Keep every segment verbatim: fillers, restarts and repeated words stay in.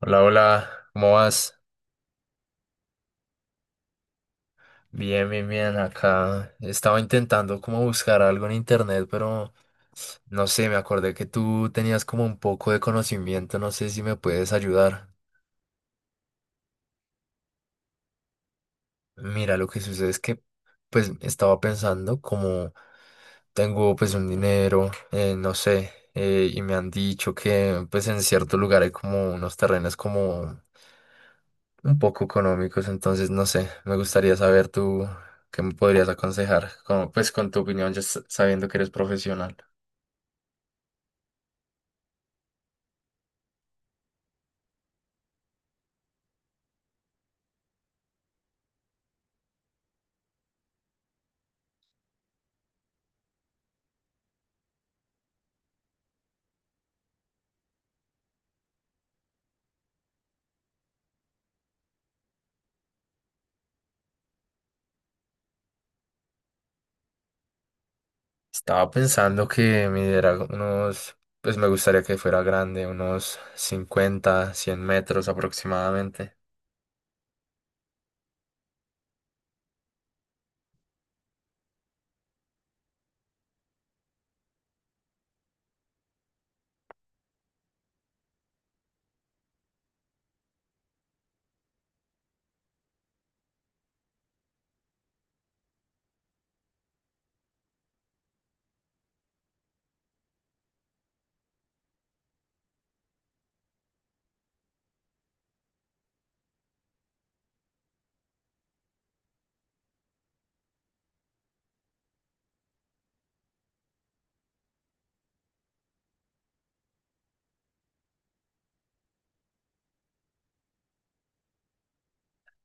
Hola, hola, ¿cómo vas? Bien, bien, bien. Acá estaba intentando como buscar algo en internet, pero no sé, me acordé que tú tenías como un poco de conocimiento, no sé si me puedes ayudar. Mira, lo que sucede es que pues estaba pensando como tengo pues un dinero, eh, no sé, eh, y me han dicho que pues en cierto lugar hay como unos terrenos como un poco económicos, entonces no sé, me gustaría saber tú qué me podrías aconsejar, como, pues con tu opinión, ya s- sabiendo que eres profesional. Estaba pensando que me diera unos, pues me gustaría que fuera grande, unos cincuenta cien metros aproximadamente.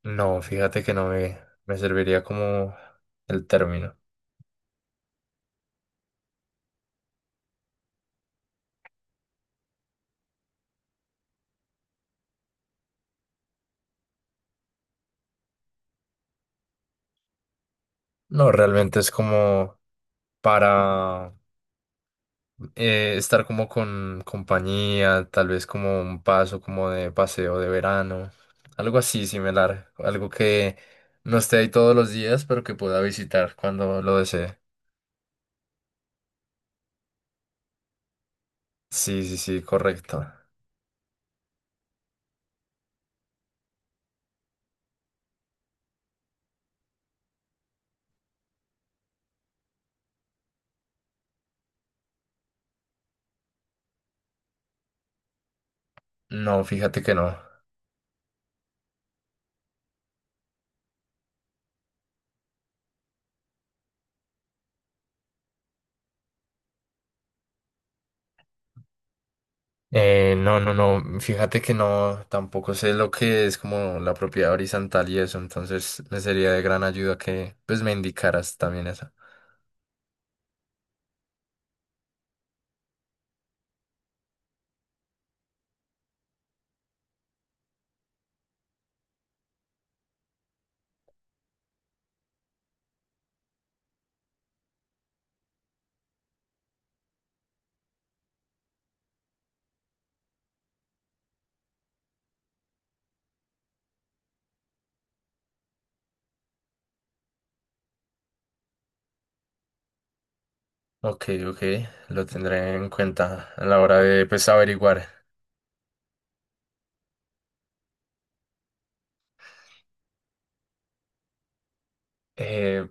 No, fíjate que no me, me serviría como el término. No, realmente es como para eh, estar como con compañía, tal vez como un paso como de paseo de verano, algo así similar, algo que no esté ahí todos los días, pero que pueda visitar cuando lo desee. Sí, sí, sí, correcto. No, fíjate que no. Eh, no, no, no, fíjate que no, tampoco sé lo que es como la propiedad horizontal y eso, entonces me sería de gran ayuda que pues me indicaras también eso. Ok, ok, lo tendré en cuenta a la hora de pues averiguar. Eh,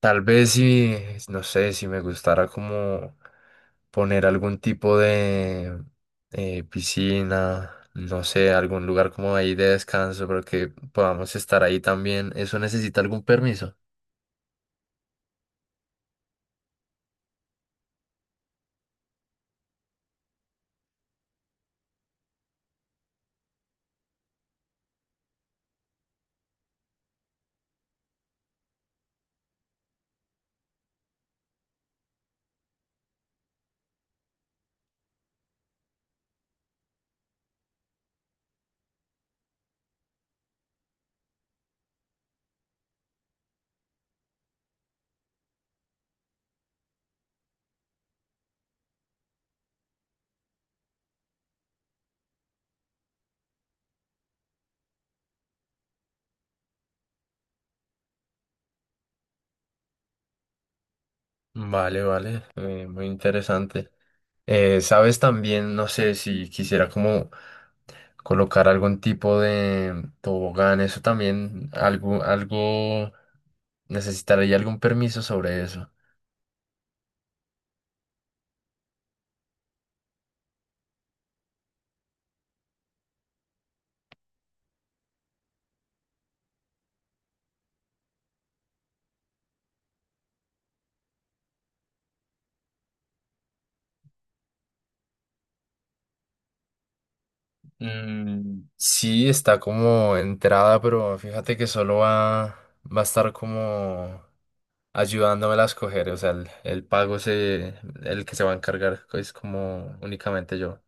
Tal vez si, no sé, si me gustara como poner algún tipo de eh, piscina, no sé, algún lugar como ahí de descanso, pero que podamos estar ahí también. ¿Eso necesita algún permiso? Vale, vale, eh, muy interesante. Eh, sabes también, no sé, si quisiera como colocar algún tipo de tobogán, eso también, algo, algo, necesitaría algún permiso sobre eso. Mm, sí, está como entrada, pero fíjate que solo va, va a estar como ayudándome a escoger. O sea, el, el pago se, el que se va a encargar es como únicamente yo.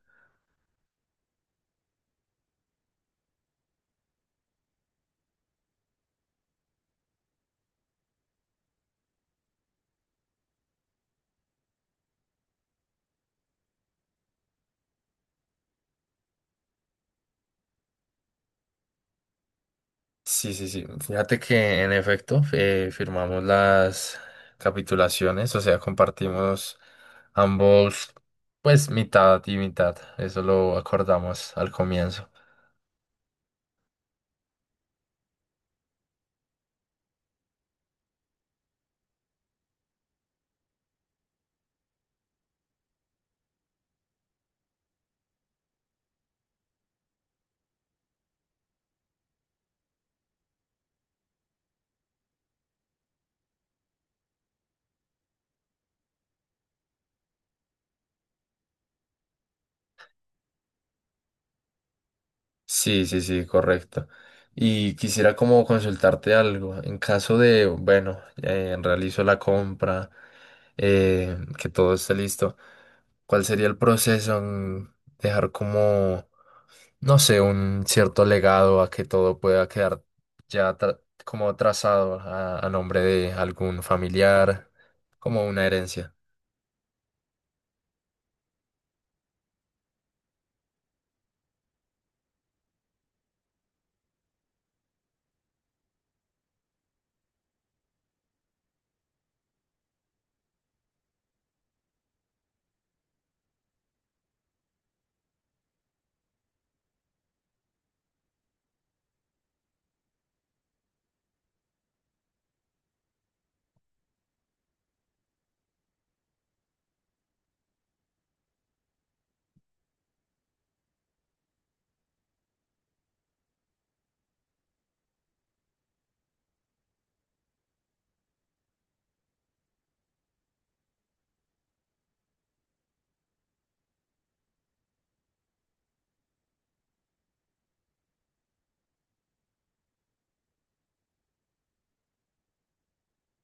Sí, sí, sí. Fíjate que en efecto eh, firmamos las capitulaciones, o sea, compartimos ambos, pues mitad y mitad. Eso lo acordamos al comienzo. Sí, sí, sí, correcto. Y quisiera como consultarte algo. En caso de, bueno, eh, realizo la compra, eh, que todo esté listo, ¿cuál sería el proceso en dejar como, no sé, un cierto legado a que todo pueda quedar ya tra- como trazado a, a nombre de algún familiar, como una herencia?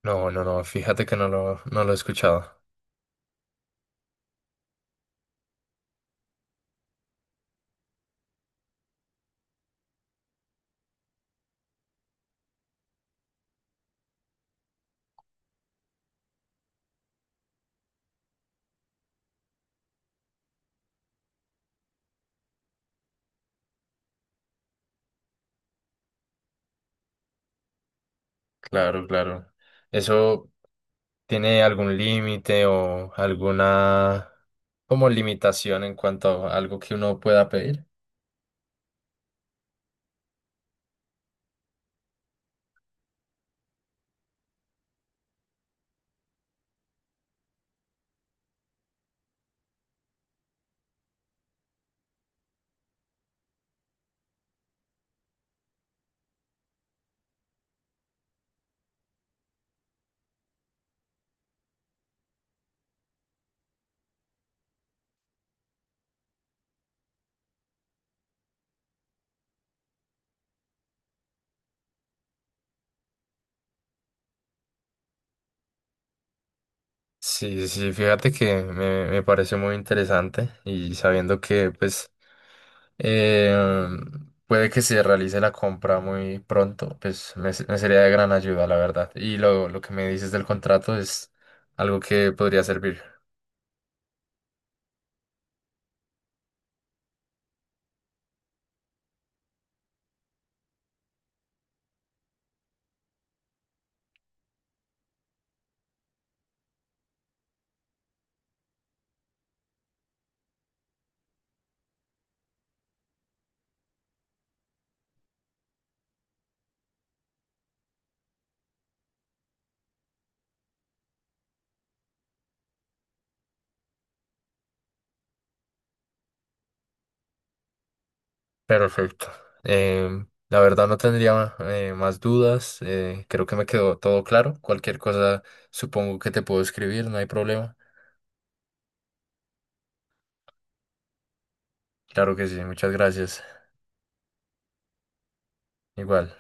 No, no, no, fíjate que no lo, no lo he escuchado. Claro, claro. Eso. ¿Tiene algún límite o alguna como limitación en cuanto a algo que uno pueda pedir? Sí, sí, fíjate que me, me parece muy interesante y sabiendo que pues eh, puede que se realice la compra muy pronto, pues me, se- me sería de gran ayuda, la verdad. Y lo, lo que me dices del contrato es algo que podría servir. Perfecto. Em, la verdad no tendría eh, más dudas. Eh, creo que me quedó todo claro. Cualquier cosa supongo que te puedo escribir, no hay problema. Claro que sí, muchas gracias. Igual.